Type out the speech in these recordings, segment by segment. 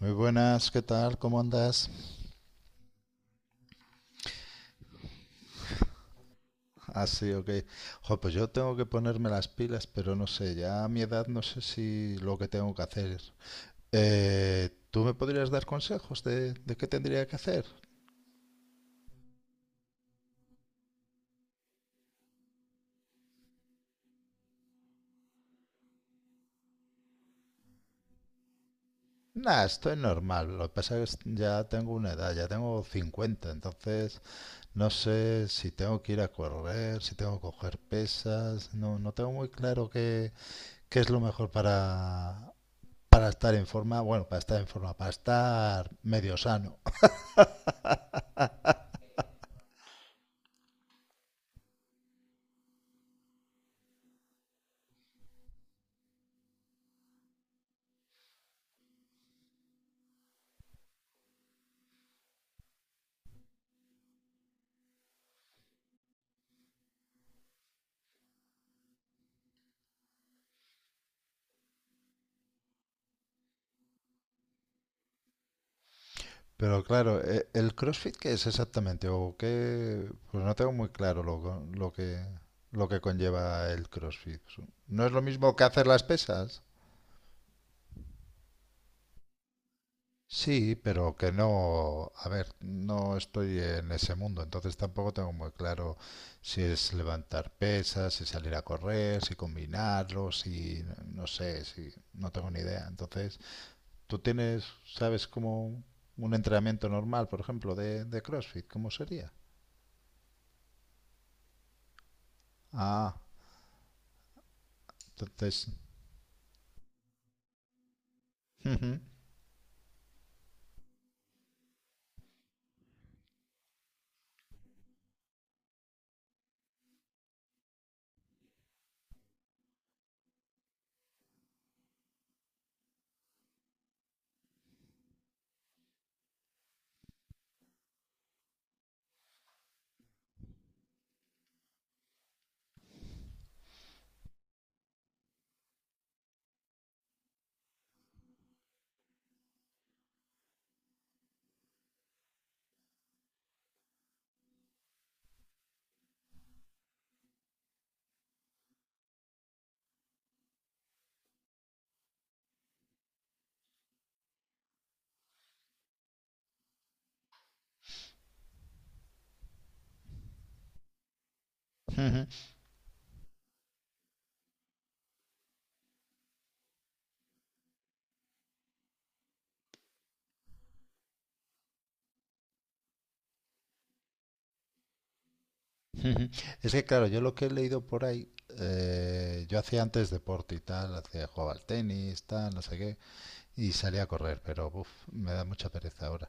Muy buenas, ¿qué tal? ¿Cómo andas? Ah, sí, ok. Jo, pues yo tengo que ponerme las pilas, pero no sé, ya a mi edad no sé si lo que tengo que hacer. ¿Tú me podrías dar consejos de qué tendría que hacer? Nah, estoy normal. Lo que pasa es que ya tengo una edad, ya tengo 50, entonces no sé si tengo que ir a correr, si tengo que coger pesas, no, no tengo muy claro qué es lo mejor para estar en forma, bueno, para estar en forma, para estar medio sano. Pero claro, ¿el CrossFit qué es exactamente? ¿O qué? Pues no tengo muy claro lo que conlleva el CrossFit. ¿No es lo mismo que hacer las pesas? Sí, pero que no... A ver, no estoy en ese mundo, entonces tampoco tengo muy claro si es levantar pesas, si salir a correr, si combinarlo, si... No sé, si... No tengo ni idea. Entonces, ¿tú tienes, sabes, como un entrenamiento normal, por ejemplo, de CrossFit? ¿Cómo sería? Ah. Entonces, es que claro, yo lo que he leído por ahí, yo hacía antes deporte y tal, jugaba al tenis, tal, no sé qué, y salía a correr, pero uf, me da mucha pereza ahora.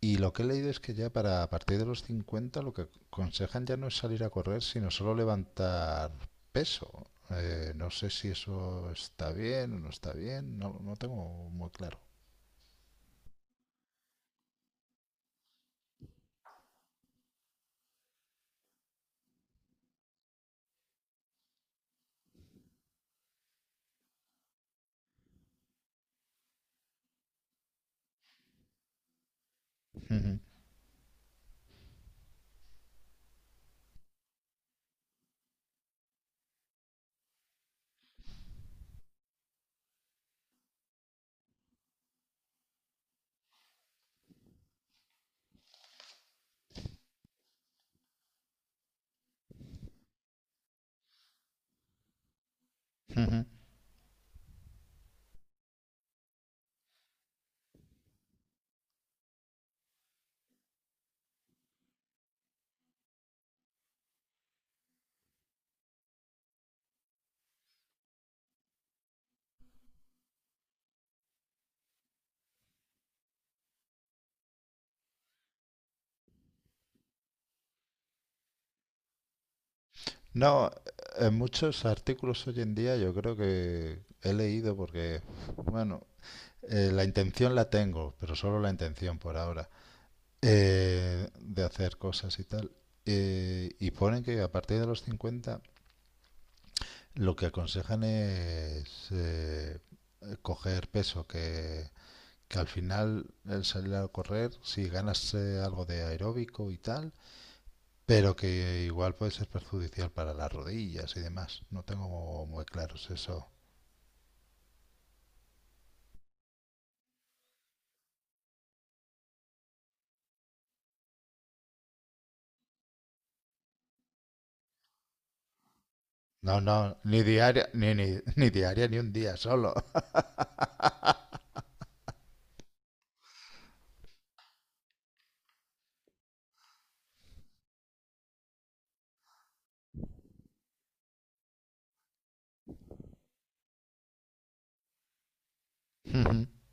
Y lo que he leído es que ya para a partir de los 50 lo que aconsejan ya no es salir a correr, sino solo levantar peso. No sé si eso está bien o no está bien, no, no tengo muy claro. No, en muchos artículos hoy en día yo creo que he leído porque, bueno, la intención la tengo, pero solo la intención por ahora, de hacer cosas y tal. Y ponen que a partir de los 50 lo que aconsejan es coger peso, que al final el salir a correr, si ganas algo de aeróbico y tal, pero que igual puede ser perjudicial para las rodillas y demás. No tengo muy claros eso. No, no, ni diaria, ni diaria, ni un día solo.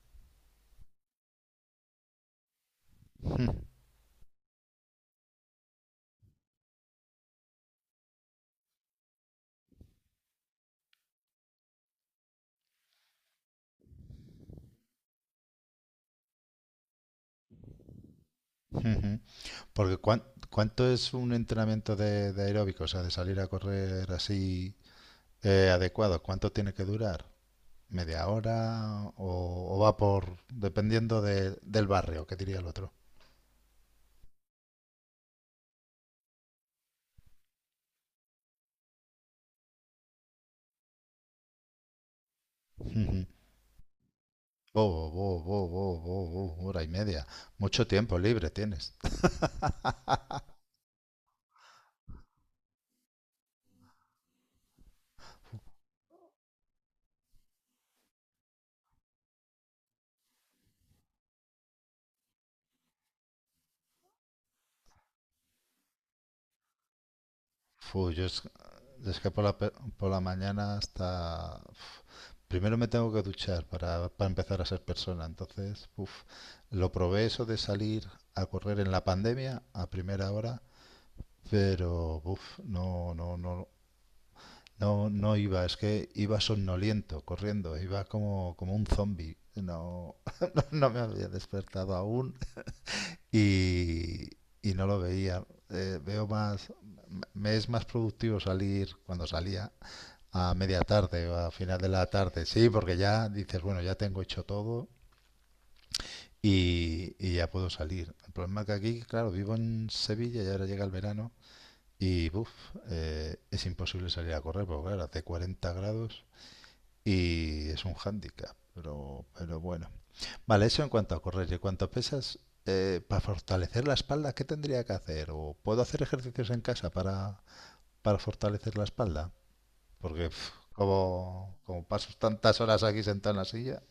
Porque ¿cuánto es un entrenamiento de aeróbico? O sea, de salir a correr así adecuado. ¿Cuánto tiene que durar? ¿Media hora? ¿O va por... dependiendo del barrio, que diría el otro? Ujú. Oh, oh, oh, oh, oh, oh, oh, oh, hora y media. Mucho tiempo libre tienes. Fu, yo es que por la mañana hasta... Primero me tengo que duchar para empezar a ser persona. Entonces, uf, lo probé eso de salir a correr en la pandemia a primera hora, pero uf, no, no, no, no, no iba. Es que iba somnoliento corriendo, iba como un zombie. No, no me había despertado aún y, y no lo veía. Veo más, me es más productivo salir cuando salía a media tarde o a final de la tarde, sí, porque ya dices, bueno, ya tengo hecho todo y ya puedo salir. El problema es que aquí, claro, vivo en Sevilla y ahora llega el verano y buf, es imposible salir a correr, porque claro, hace 40 grados y es un hándicap, pero bueno. Vale, eso en cuanto a correr y en cuanto a pesas, para fortalecer la espalda, ¿qué tendría que hacer? ¿O puedo hacer ejercicios en casa para fortalecer la espalda? Porque como paso tantas horas aquí sentado en la silla.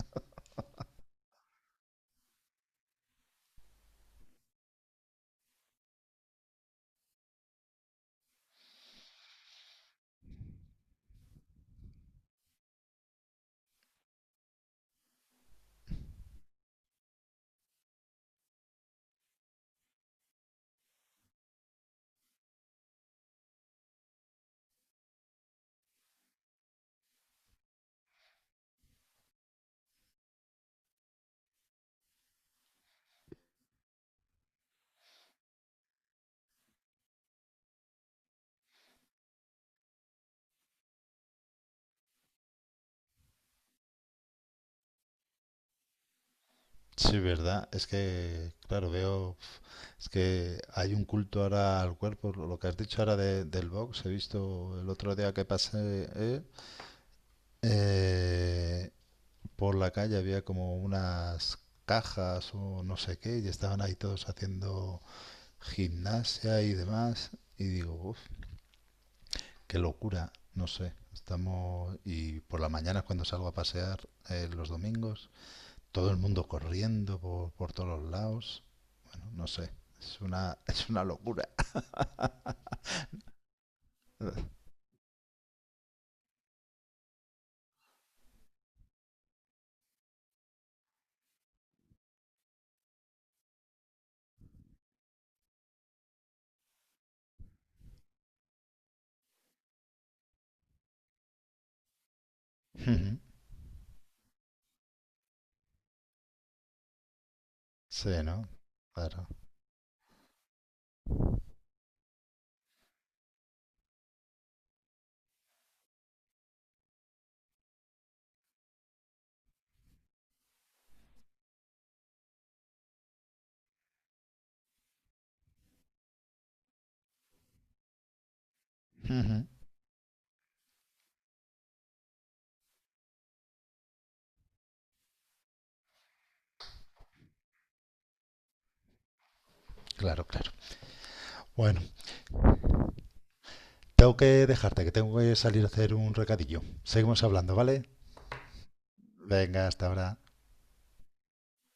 Sí, verdad. Es que, claro, veo. Es que hay un culto ahora al cuerpo. Lo que has dicho ahora del box, he visto el otro día que pasé eh, por la calle, había como unas cajas o no sé qué, y estaban ahí todos haciendo gimnasia y demás. Y digo, uff, qué locura. No sé. Estamos. Y por la mañana, cuando salgo a pasear los domingos. Todo el mundo corriendo por todos los lados. Bueno, no sé, es una, es una locura. Sí, ¿no? Claro. Claro, claro. Bueno, tengo que dejarte, que tengo que salir a hacer un recadillo. Seguimos hablando, ¿vale? Venga, hasta ahora.